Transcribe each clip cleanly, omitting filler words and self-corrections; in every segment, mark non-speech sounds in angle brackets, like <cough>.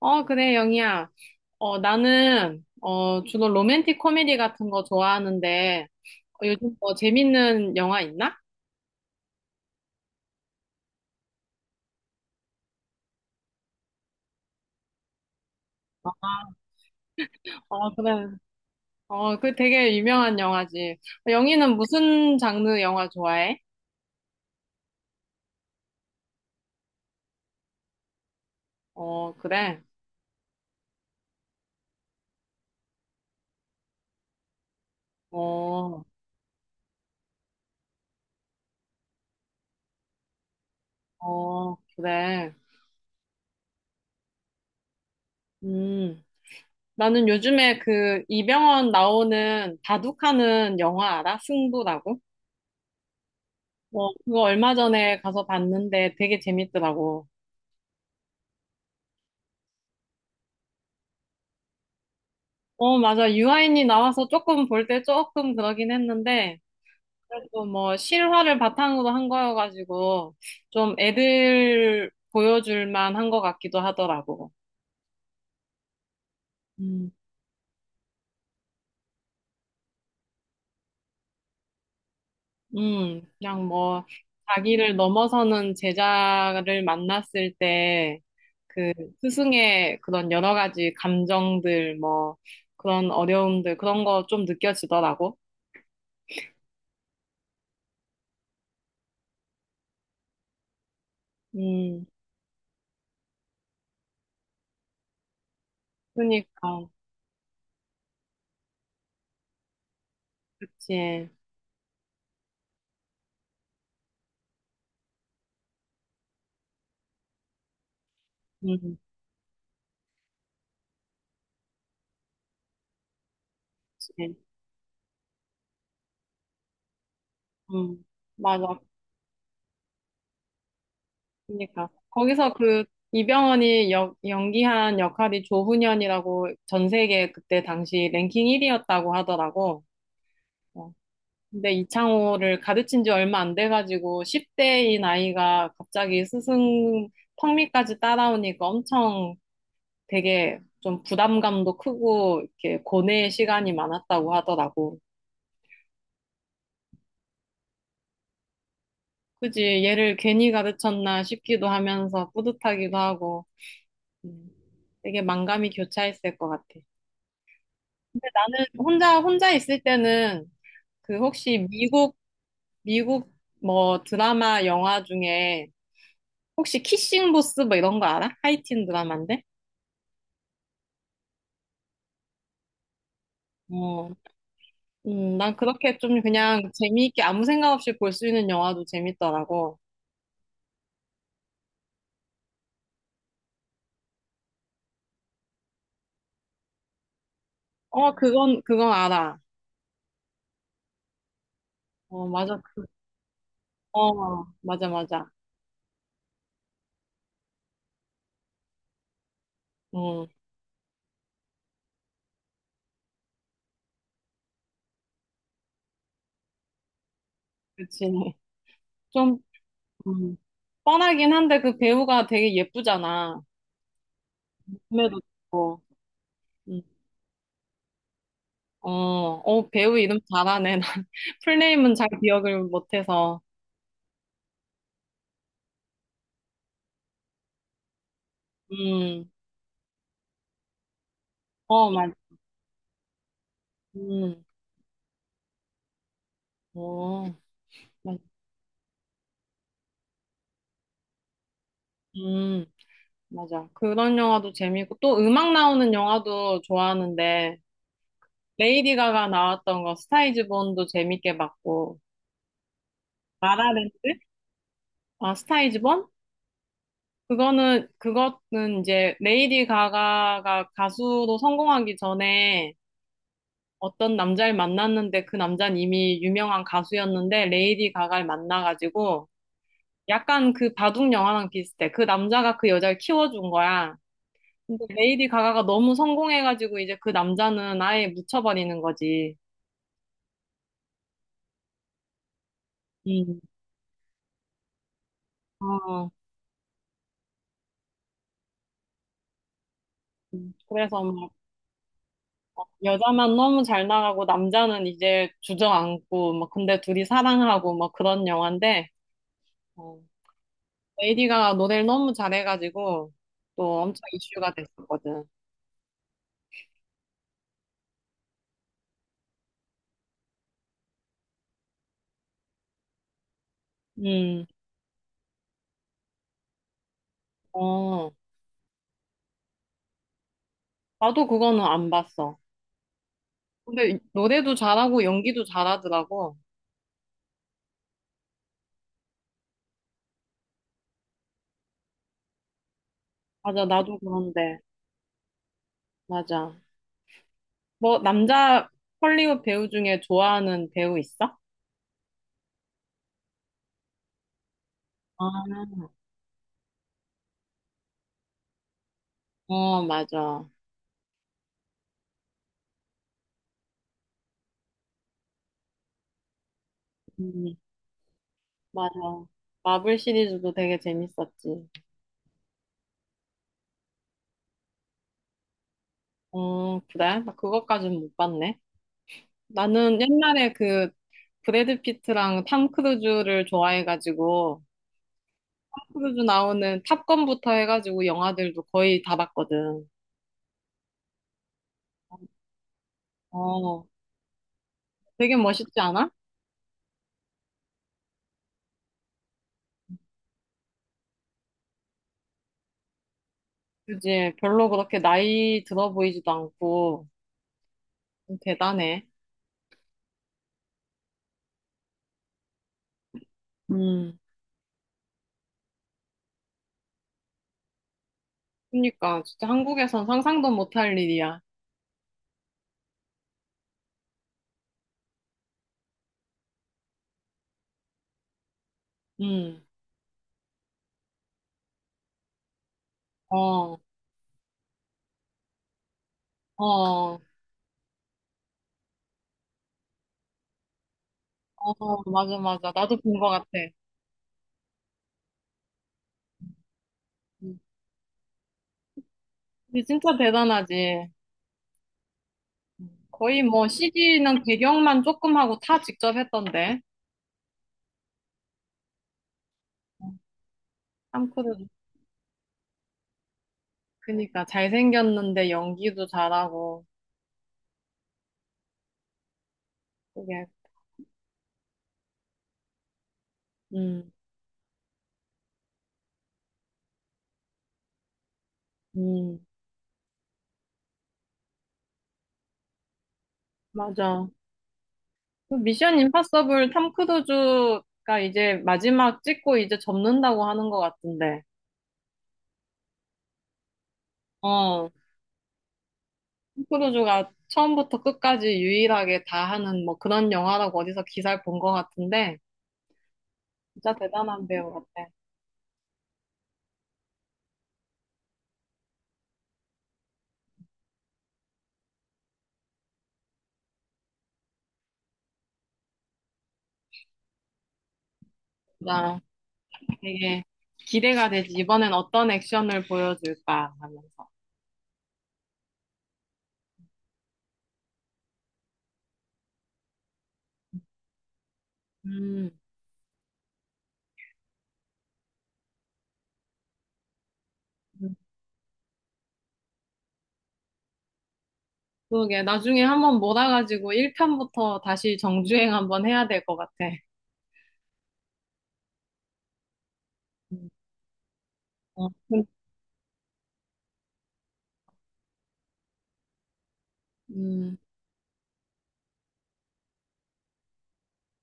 어, 그래, 영희야. 어, 나는, 어, 주로 로맨틱 코미디 같은 거 좋아하는데, 어, 요즘 뭐 재밌는 영화 있나? 어, 그래. 어, 그 되게 유명한 영화지. 영희는 무슨 장르 영화 좋아해? 어, 그래. 어, 어, 그래. 음. 나는 요즘에 그 이병헌 나오는 바둑하는 영화 알아? 승부라고? 어, 그거 얼마 전에 가서 봤는데 되게 재밌더라고. 어, 맞아. 유아인이 나와서 조금 볼 때 조금 그러긴 했는데, 그래도 뭐 실화를 바탕으로 한 거여가지고, 좀 애들 보여줄 만한 것 같기도 하더라고. 음, 음, 그냥 뭐, 자기를 넘어서는 제자를 만났을 때, 그 스승의 그런 여러 가지 감정들, 뭐, 그런 어려움들, 그런 거 좀 느껴지더라고. 음, 그니까, 그치. 음, 그치. 음. 맞아. 그러니까 거기서 그 연기한 역할이 조훈현이라고 전 세계 그때 당시 랭킹 1위였다고 하더라고. 어, 근데 이창호를 가르친 지 얼마 안 돼가지고 10대인 아이가 갑자기 스승 턱밑까지 따라오니까 엄청 되게 좀 부담감도 크고 이렇게 고뇌의 시간이 많았다고 하더라고. 그지? 얘를 괜히 가르쳤나 싶기도 하면서 뿌듯하기도 하고 음, 되게 만감이 교차했을 것 같아. 근데 나는 혼자 있을 때는 그 혹시 미국 뭐 드라마 영화 중에 혹시 키싱 보스 뭐 이런 거 알아? 하이틴 드라마인데? 어. 난 그렇게 좀 그냥 재미있게 아무 생각 없이 볼 수 있는 영화도 재밌더라고. 어, 그건 알아. 어, 맞아. 그, 어, 맞아 맞아. 음, 그치. <laughs> 좀 음, 뻔하긴 한데 그 배우가 되게 예쁘잖아. 몸매도 좋고. 음. 어, 배우 이름 잘하네. 풀네임은 잘 기억을 못해서. 음, 어, 음, 어, 맞, 음, 맞아. 그런 영화도 재밌고, 또 음악 나오는 영화도 좋아하는데, 레이디 가가 나왔던 거, 스타이즈 본도 재밌게 봤고, 라라랜드? 아, 스타이즈 본? 그거는 이제, 레이디 가가가 가수로 성공하기 전에, 어떤 남자를 만났는데 그 남자는 이미 유명한 가수였는데 레이디 가가를 만나가지고 약간 그 바둑 영화랑 비슷해. 그 남자가 그 여자를 키워준 거야. 근데 레이디 가가가 너무 성공해가지고 이제 그 남자는 아예 묻혀버리는 거지. 음. 어, 그래서 막 여자만 너무 잘 나가고 남자는 이제 주저앉고 막 근데 둘이 사랑하고 막 그런 영화인데 어, 레이디 가가 노래를 너무 잘해가지고 또 엄청 이슈가 됐었거든. 음, 어, 나도 그거는 안 봤어. 근데 노래도 잘하고 연기도 잘하더라고. 맞아, 나도 그런데. 맞아. 뭐, 남자 헐리우드 배우 중에 좋아하는 배우 있어? 아, 어, 맞아. 음, 맞아. 마블 시리즈도 되게 재밌었지. 어, 그래? 나 그것까진 못 봤네. 나는 옛날에 그 브래드 피트랑 탐 크루즈를 좋아해가지고, 탐 크루즈 나오는 탑건부터 해가지고 영화들도 거의 다 봤거든. 어, 되게 멋있지 않아? 그지? 별로 그렇게 나이 들어 보이지도 않고, 대단해. 음, 그러니까 진짜 한국에선 상상도 못할 일이야. 음. 어, 어, 어, 맞아, 맞아. 나도 본 것 같아. 음. 근데 진짜 대단하지. 음. 거의 뭐 CG는 배경만 조금 하고 다 직접 했던데. 탐크루즈. 그니까 잘생겼는데 연기도 잘하고. 그게, 음, 음, 맞아. 그 미션 임파서블 탐크루즈가 이제 마지막 찍고 이제 접는다고 하는 것 같은데. 어, 크루즈가 처음부터 끝까지 유일하게 다 하는 뭐 그런 영화라고 어디서 기사를 본 것 같은데 진짜 대단한 배우 같아. 진짜 되게 기대가 되지. 이번엔 어떤 액션을 보여줄까 하면서. 음, 음. 그러게. 나중에 한번 몰아가지고 1편부터 다시 정주행 한번 해야 될 것 같아. 음, 어, 음,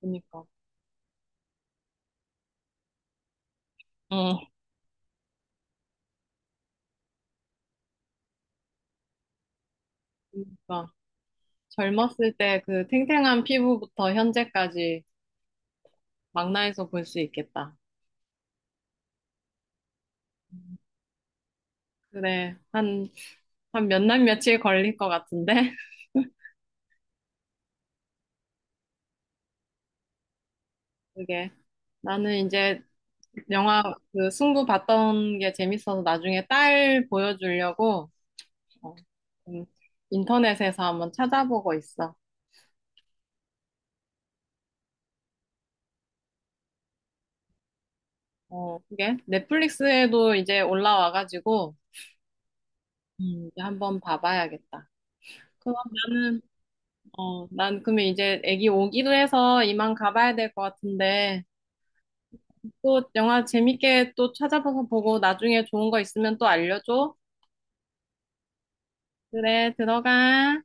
그니까. 어, 그니까. 젊었을 때 그 탱탱한 피부부터 현재까지 망라해서 볼 수 있겠다. 그래. 한 한 몇 날 며칠 걸릴 것 같은데 <laughs> 그게 나는 이제 영화 그 승부 봤던 게 재밌어서 나중에 딸 보여주려고 어, 음, 인터넷에서 한번 찾아보고 있어. 어, 그게 넷플릭스에도 이제 올라와가지고 이제 한번 봐봐야겠다. 그럼 나는 어, 난 그러면 이제 애기 오기도 해서 이만 가봐야 될 것 같은데 또 영화 재밌게 또 찾아봐서 보고 나중에 좋은 거 있으면 또 알려줘. 그래, 들어가.